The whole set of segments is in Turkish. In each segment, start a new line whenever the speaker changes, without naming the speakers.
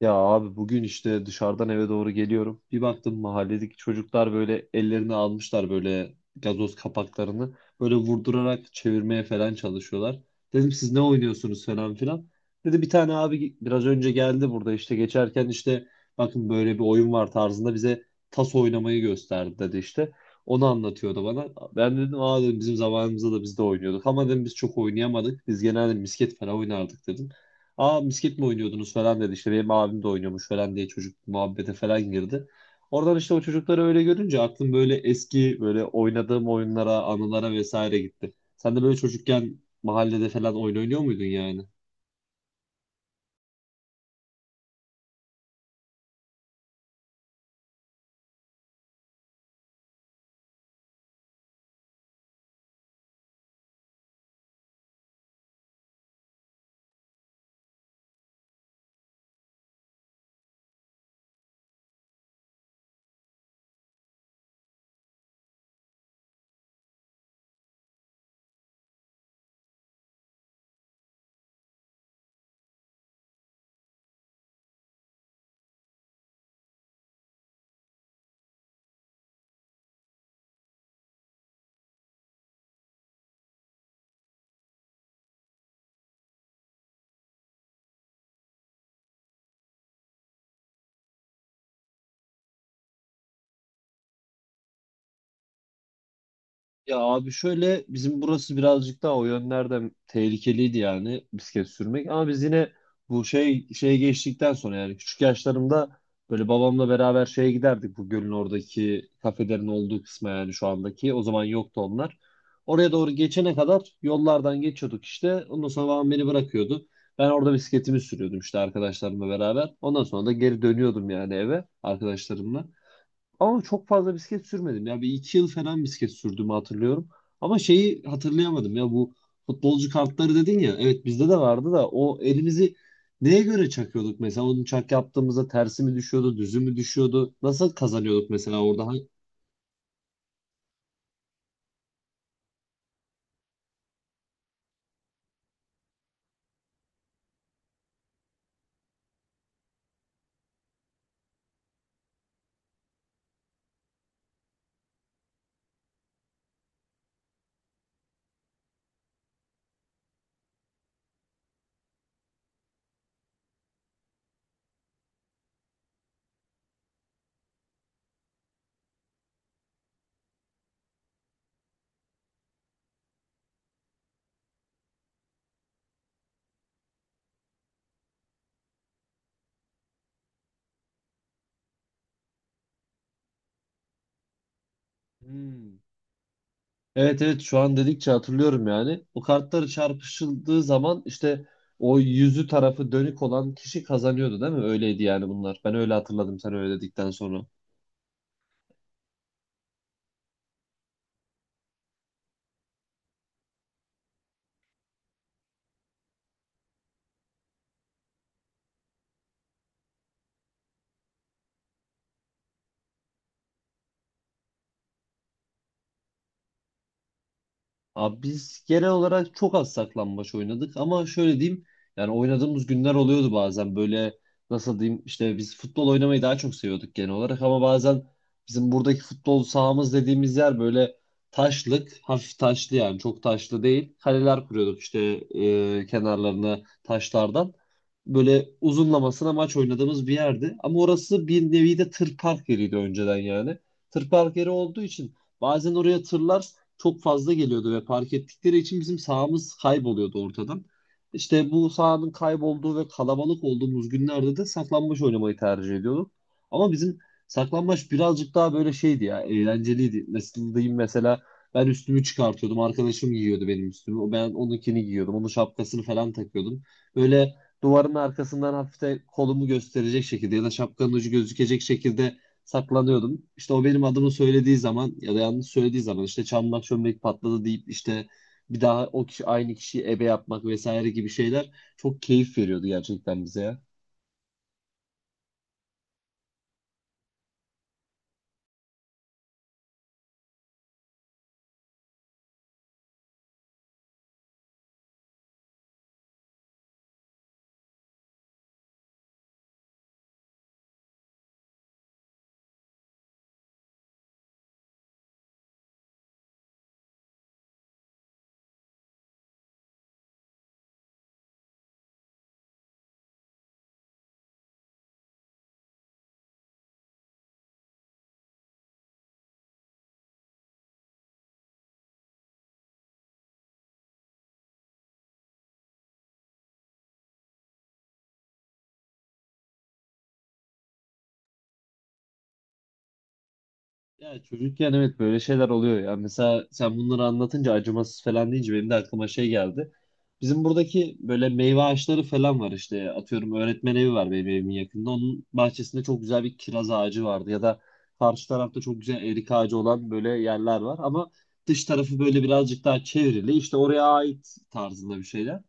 Ya abi bugün işte dışarıdan eve doğru geliyorum. Bir baktım mahalledeki çocuklar böyle ellerini almışlar böyle gazoz kapaklarını. Böyle vurdurarak çevirmeye falan çalışıyorlar. Dedim siz ne oynuyorsunuz falan filan. Dedi bir tane abi biraz önce geldi burada işte geçerken işte bakın böyle bir oyun var tarzında bize tas oynamayı gösterdi dedi işte. Onu anlatıyordu bana. Ben dedim aa dedim bizim zamanımızda da biz de oynuyorduk. Ama dedim biz çok oynayamadık. Biz genelde misket falan oynardık dedim. Aa misket mi oynuyordunuz falan dedi. İşte benim abim de oynuyormuş falan diye çocuk muhabbete falan girdi. Oradan işte o çocukları öyle görünce aklım böyle eski böyle oynadığım oyunlara, anılara vesaire gitti. Sen de böyle çocukken mahallede falan oyun oynuyor muydun yani? Ya abi şöyle bizim burası birazcık daha o yönlerden tehlikeliydi yani bisiklet sürmek, ama biz yine bu şey şeye geçtikten sonra yani küçük yaşlarımda böyle babamla beraber şeye giderdik, bu gölün oradaki kafelerin olduğu kısma, yani şu andaki, o zaman yoktu onlar. Oraya doğru geçene kadar yollardan geçiyorduk işte, ondan sonra babam beni bırakıyordu. Ben orada bisikletimi sürüyordum işte arkadaşlarımla beraber, ondan sonra da geri dönüyordum yani eve arkadaşlarımla. Ama çok fazla bisiklet sürmedim. Ya bir iki yıl falan bisiklet sürdüğümü hatırlıyorum. Ama şeyi hatırlayamadım ya, bu futbolcu kartları dedin ya. Evet, bizde de vardı da o elimizi neye göre çakıyorduk mesela? Onu çak yaptığımızda tersi mi düşüyordu, düzü mü düşüyordu? Nasıl kazanıyorduk mesela orada? Hani- Hmm. Evet evet, şu an dedikçe hatırlıyorum yani. O kartları çarpışıldığı zaman işte o yüzü tarafı dönük olan kişi kazanıyordu, değil mi? Öyleydi yani bunlar. Ben öyle hatırladım sen öyle dedikten sonra. Abi biz genel olarak çok az saklambaç oynadık ama şöyle diyeyim, yani oynadığımız günler oluyordu bazen, böyle nasıl diyeyim, işte biz futbol oynamayı daha çok seviyorduk genel olarak, ama bazen bizim buradaki futbol sahamız dediğimiz yer böyle taşlık, hafif taşlı yani, çok taşlı değil. Kaleler kuruyorduk işte kenarlarına taşlardan böyle uzunlamasına maç oynadığımız bir yerdi, ama orası bir nevi de tır park yeriydi önceden. Yani tır park yeri olduğu için bazen oraya tırlar çok fazla geliyordu ve park ettikleri için bizim sahamız kayboluyordu ortadan. İşte bu sahanın kaybolduğu ve kalabalık olduğumuz günlerde de saklambaç oynamayı tercih ediyorduk. Ama bizim saklambaç birazcık daha böyle şeydi ya, eğlenceliydi. Nasıl diyeyim, mesela ben üstümü çıkartıyordum, arkadaşım giyiyordu benim üstümü. Ben onunkini giyiyordum, onun şapkasını falan takıyordum. Böyle duvarın arkasından hafif de kolumu gösterecek şekilde ya da şapkanın ucu gözükecek şekilde saklanıyordum. İşte o benim adımı söylediği zaman ya da yanlış söylediği zaman işte çamlak çömlek patladı deyip işte bir daha o kişi aynı kişiyi ebe yapmak vesaire gibi şeyler çok keyif veriyordu gerçekten bize ya. Ya çocukken evet böyle şeyler oluyor ya. Mesela sen bunları anlatınca acımasız falan deyince benim de aklıma şey geldi. Bizim buradaki böyle meyve ağaçları falan var işte. Atıyorum, öğretmen evi var benim evimin yakında. Onun bahçesinde çok güzel bir kiraz ağacı vardı. Ya da karşı tarafta çok güzel erik ağacı olan böyle yerler var. Ama dış tarafı böyle birazcık daha çevrili. İşte oraya ait tarzında bir şeyler.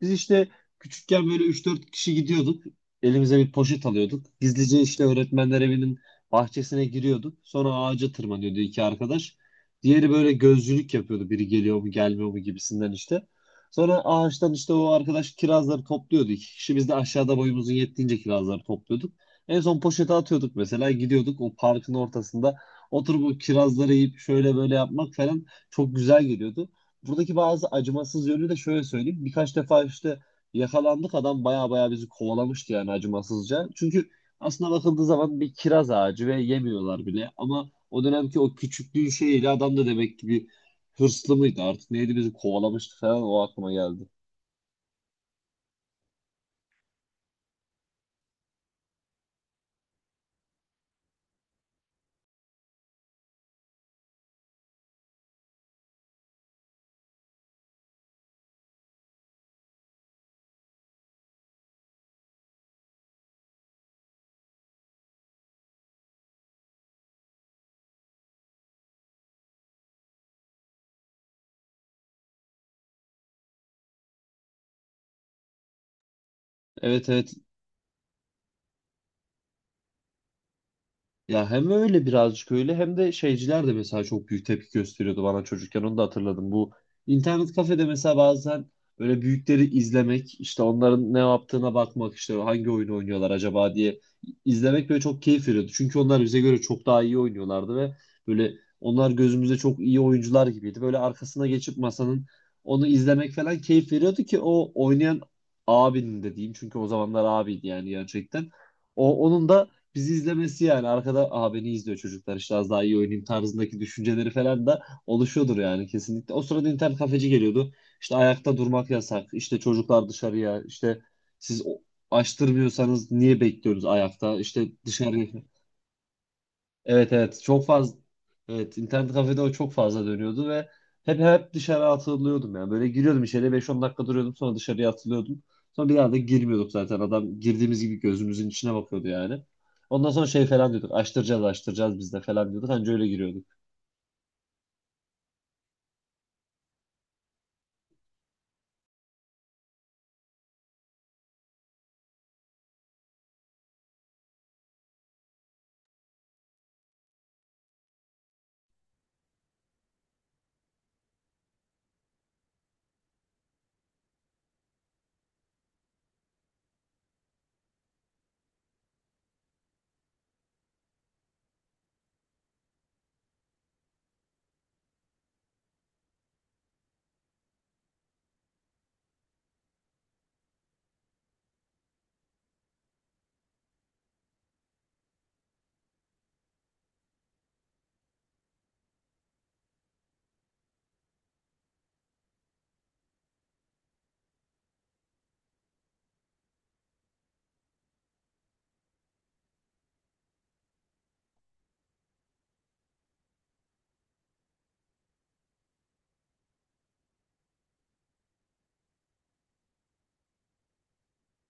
Biz işte küçükken böyle üç dört kişi gidiyorduk. Elimize bir poşet alıyorduk. Gizlice işte öğretmenler evinin bahçesine giriyorduk. Sonra ağaca tırmanıyordu iki arkadaş. Diğeri böyle gözcülük yapıyordu, biri geliyor mu gelmiyor mu gibisinden işte. Sonra ağaçtan işte o arkadaş kirazları topluyordu. İki kişi biz de aşağıda boyumuzun yettiğince kirazları topluyorduk. En son poşete atıyorduk, mesela gidiyorduk o parkın ortasında oturup o kirazları yiyip şöyle böyle yapmak falan çok güzel geliyordu. Buradaki bazı acımasız yönü de şöyle söyleyeyim. Birkaç defa işte yakalandık, adam baya baya bizi kovalamıştı yani, acımasızca. Çünkü aslında bakıldığı zaman bir kiraz ağacı ve yemiyorlar bile. Ama o dönemki o küçüklüğün şeyiyle adam da demek ki bir hırslı mıydı artık neydi, bizi kovalamıştı falan, o aklıma geldi. Evet evet. Ya hem öyle birazcık öyle hem de şeyciler de mesela çok büyük tepki gösteriyordu bana çocukken, onu da hatırladım. Bu internet kafede mesela bazen böyle büyükleri izlemek, işte onların ne yaptığına bakmak, işte hangi oyunu oynuyorlar acaba diye izlemek böyle çok keyif veriyordu. Çünkü onlar bize göre çok daha iyi oynuyorlardı ve böyle onlar gözümüzde çok iyi oyuncular gibiydi. Böyle arkasına geçip masanın onu izlemek falan keyif veriyordu, ki o oynayan abinin de diyeyim, çünkü o zamanlar abiydi yani gerçekten. Onun da bizi izlemesi, yani arkada aa, beni izliyor çocuklar işte az daha iyi oynayayım tarzındaki düşünceleri falan da oluşuyordur yani kesinlikle. O sırada internet kafeci geliyordu. İşte ayakta durmak yasak. İşte çocuklar dışarıya, işte siz o- açtırmıyorsanız niye bekliyoruz ayakta? İşte dışarı. Evet evet, çok fazla evet, internet kafede o çok fazla dönüyordu ve hep dışarı atılıyordum. Yani böyle giriyordum içeriye, beş on dakika duruyordum, sonra dışarıya atılıyordum, sonra bir daha da girmiyorduk. Zaten adam girdiğimiz gibi gözümüzün içine bakıyordu yani, ondan sonra şey falan diyorduk, açtıracağız açtıracağız biz de falan diyorduk, anca öyle giriyorduk.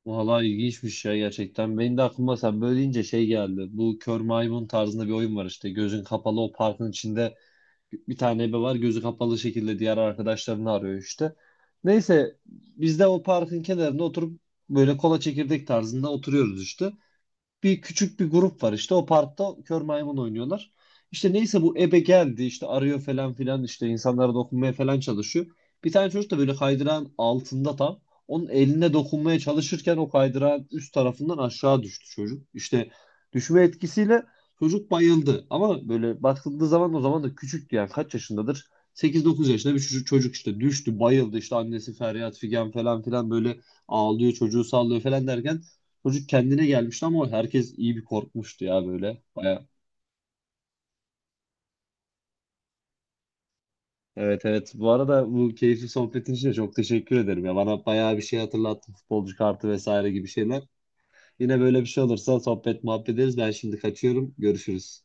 Valla ilginçmiş ya, gerçekten benim de aklıma sen böyle deyince şey geldi. Bu kör maymun tarzında bir oyun var işte, gözün kapalı o parkın içinde bir tane ebe var, gözü kapalı şekilde diğer arkadaşlarını arıyor işte. Neyse, biz de o parkın kenarında oturup böyle kola çekirdek tarzında oturuyoruz işte, bir küçük bir grup var işte o parkta, kör maymun oynuyorlar. İşte neyse, bu ebe geldi işte arıyor falan filan, işte insanlara dokunmaya falan çalışıyor. Bir tane çocuk da böyle kaydırağın altında tam onun eline dokunmaya çalışırken o kaydırağın üst tarafından aşağı düştü çocuk. İşte düşme etkisiyle çocuk bayıldı. Ama böyle bakıldığı zaman o zaman da küçüktü, yani kaç yaşındadır, sekiz dokuz yaşında bir çocuk işte düştü, bayıldı, işte annesi feryat figan falan filan, böyle ağlıyor, çocuğu sallıyor falan derken çocuk kendine gelmişti. Ama herkes iyi bir korkmuştu ya böyle. Baya. Evet evet. Bu arada bu keyifli sohbetin için de çok teşekkür ederim ya. Bana bayağı bir şey hatırlattın. Futbolcu kartı vesaire gibi şeyler. Yine böyle bir şey olursa sohbet muhabbet ederiz. Ben şimdi kaçıyorum. Görüşürüz.